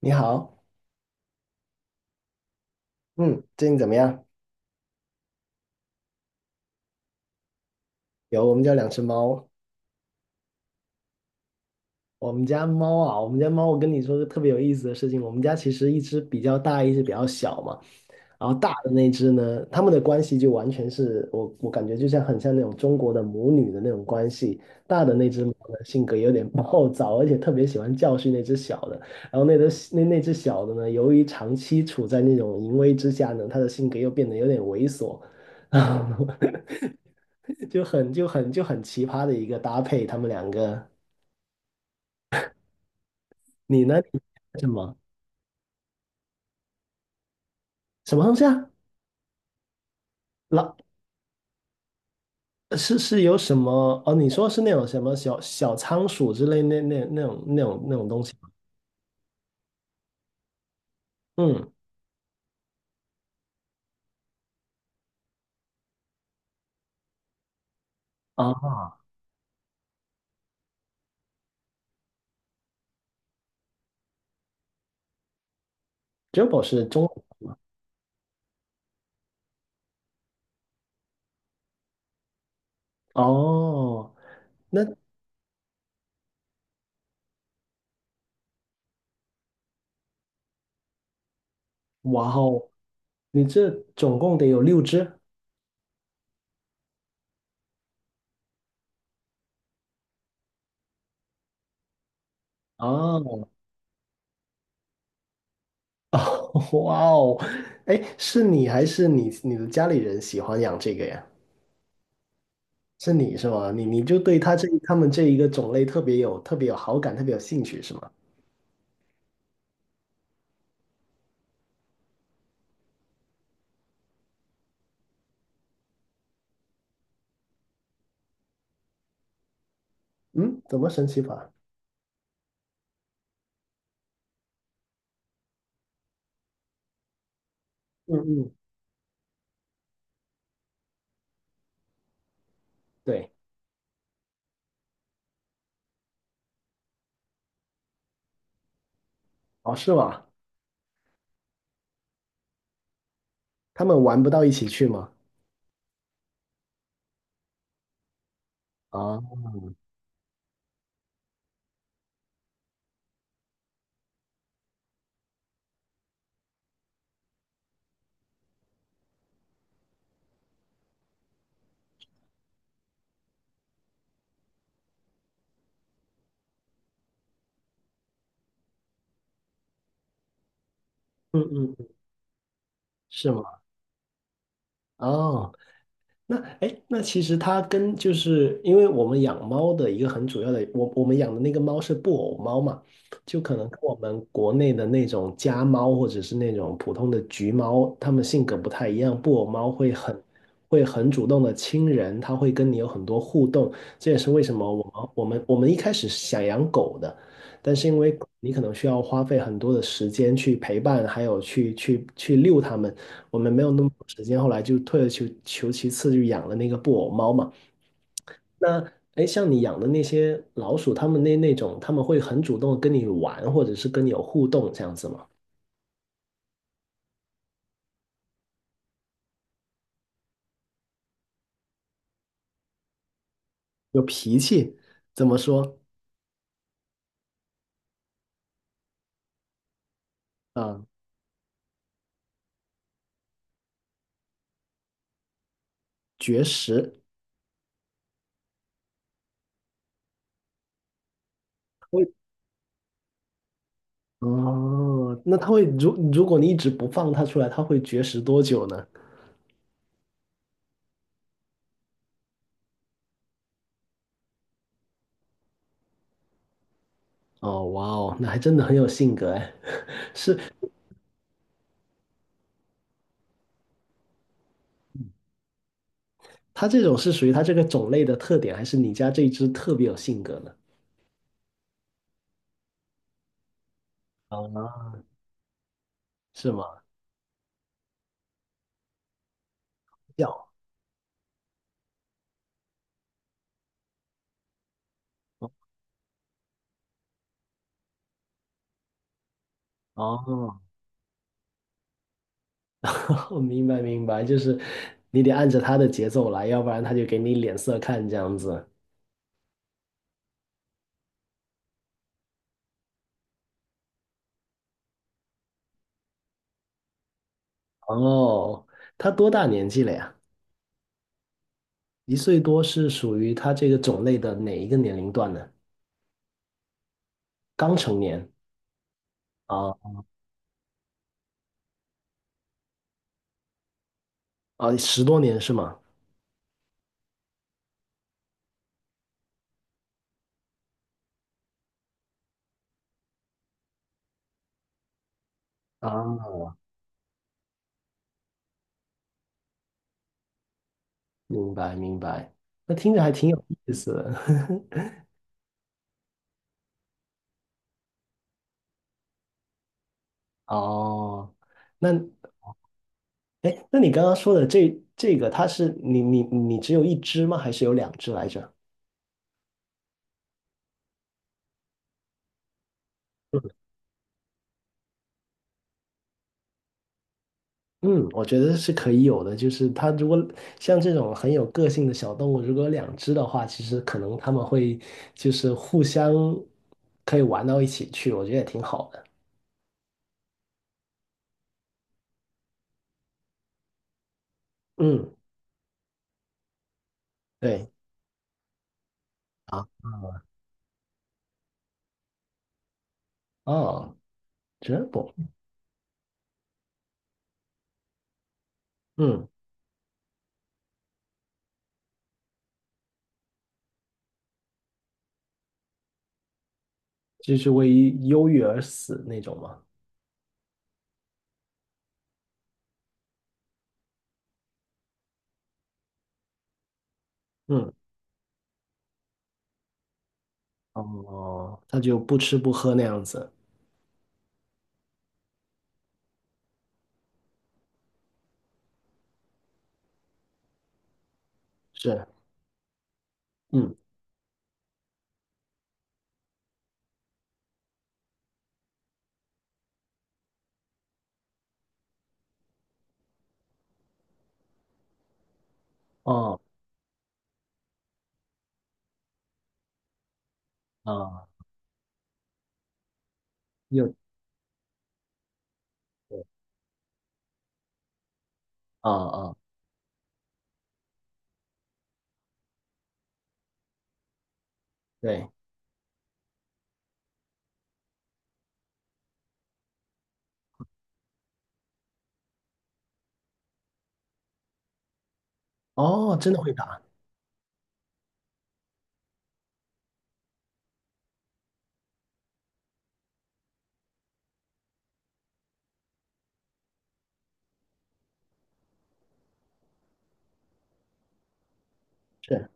你好，嗯，最近怎么样？有，我们家两只猫，我们家猫啊，我们家猫，我跟你说个特别有意思的事情，我们家其实一只比较大，一只比较小嘛，然后大的那只呢，它们的关系就完全是我感觉就像很像那种中国的母女的那种关系，大的那只猫呢性格有点暴躁，而且特别喜欢教训那只小的，然后那只小的呢，由于长期处在那种淫威之下呢，它的性格又变得有点猥琐。就很奇葩的一个搭配，他们两个。你呢？你什么什么东西啊？老是是有什么？哦，你说是那种什么小小仓鼠之类那种东西吗？嗯啊，Jumbo 是中哦，那哇哦，你这总共得有六只哦哦 哇哦，哎，是你还是你的家里人喜欢养这个呀？是你是吗？你你就对他们这一个种类特别有好感，特别有兴趣是吗？嗯，怎么神奇法？嗯嗯，对，哦是吗？他们玩不到一起去吗？啊，嗯嗯，是吗？哦。那哎，诶那其实它跟就是因为我们养猫的一个很主要的，我们养的那个猫是布偶猫嘛，就可能跟我们国内的那种家猫或者是那种普通的橘猫，它们性格不太一样。布偶猫会很会很主动的亲人，它会跟你有很多互动，这也是为什么我们一开始是想养狗的，但是因为你可能需要花费很多的时间去陪伴，还有去遛它们。我们没有那么多时间，后来就退而求其次，就养了那个布偶猫嘛。那哎，诶像你养的那些老鼠，它们那那种，它们会很主动地跟你玩，或者是跟你有互动这样子吗？有脾气，怎么说？啊、绝食。会哦，那它会如果你一直不放它出来，它会绝食多久呢？哦，哇哦，那还真的很有性格哎。是它这种是属于它这个种类的特点，还是你家这一只特别有性格呢？啊，是吗？叫。哦，我明白明白，就是你得按着他的节奏来，要不然他就给你脸色看这样子。哦，他多大年纪了呀？一岁多是属于他这个种类的哪一个年龄段呢？刚成年啊啊，十多年是吗？啊，明白明白，那听着还挺有意思的。哦，那哎，诶那你刚刚说的这个，它是你只有一只吗？还是有两只来着？嗯，我觉得是可以有的，就是它如果像这种很有个性的小动物，如果有两只的话，其实可能它们会就是互相可以玩到一起去，我觉得也挺好的。嗯，对，啊，哦，真不，嗯，就是为忧郁而死那种嘛。嗯，哦，它就不吃不喝那样子。是，嗯，哦，啊，又啊啊，对，哦，真的会打，是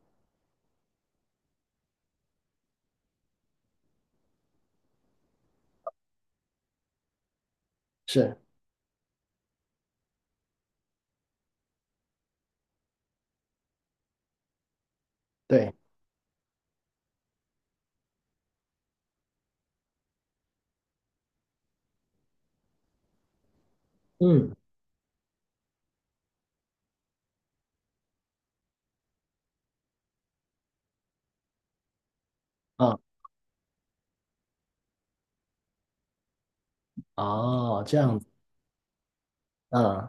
是，对，嗯。啊。哦，这样子，嗯，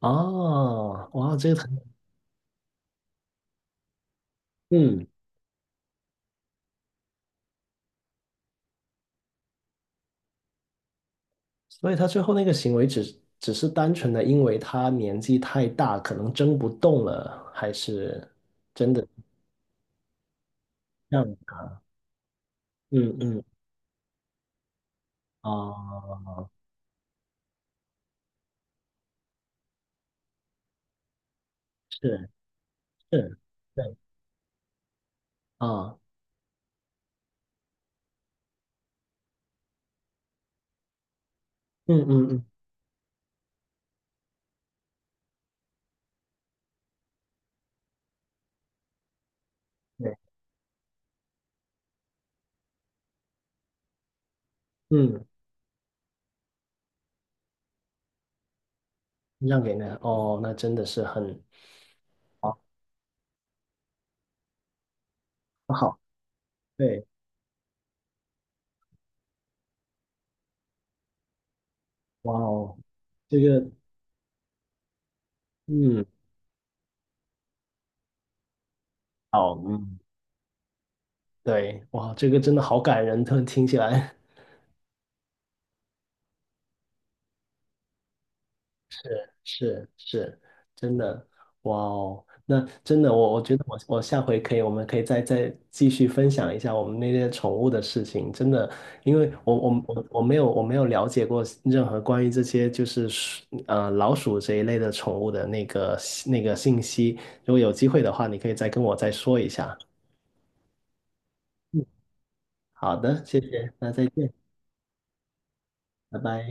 哦，哇，这个很，嗯，所以他最后那个行为只是单纯的因为他年纪太大，可能争不动了，还是真的这样？嗯嗯，哦，是是，对，啊，嗯嗯嗯，对，嗯，让给那，哦，那真的是很好，好，对，哇哦，这个，嗯，好，嗯，对，哇，这个真的好感人，突然听起来。是是，真的，哇哦，那真的，我觉得我下回可以，我们可以再继续分享一下我们那些宠物的事情，真的，因为我没有我没有了解过任何关于这些就是老鼠这一类的宠物的那个信息，如果有机会的话，你可以再跟我再说一下。嗯，好的，谢谢，那再见，拜拜。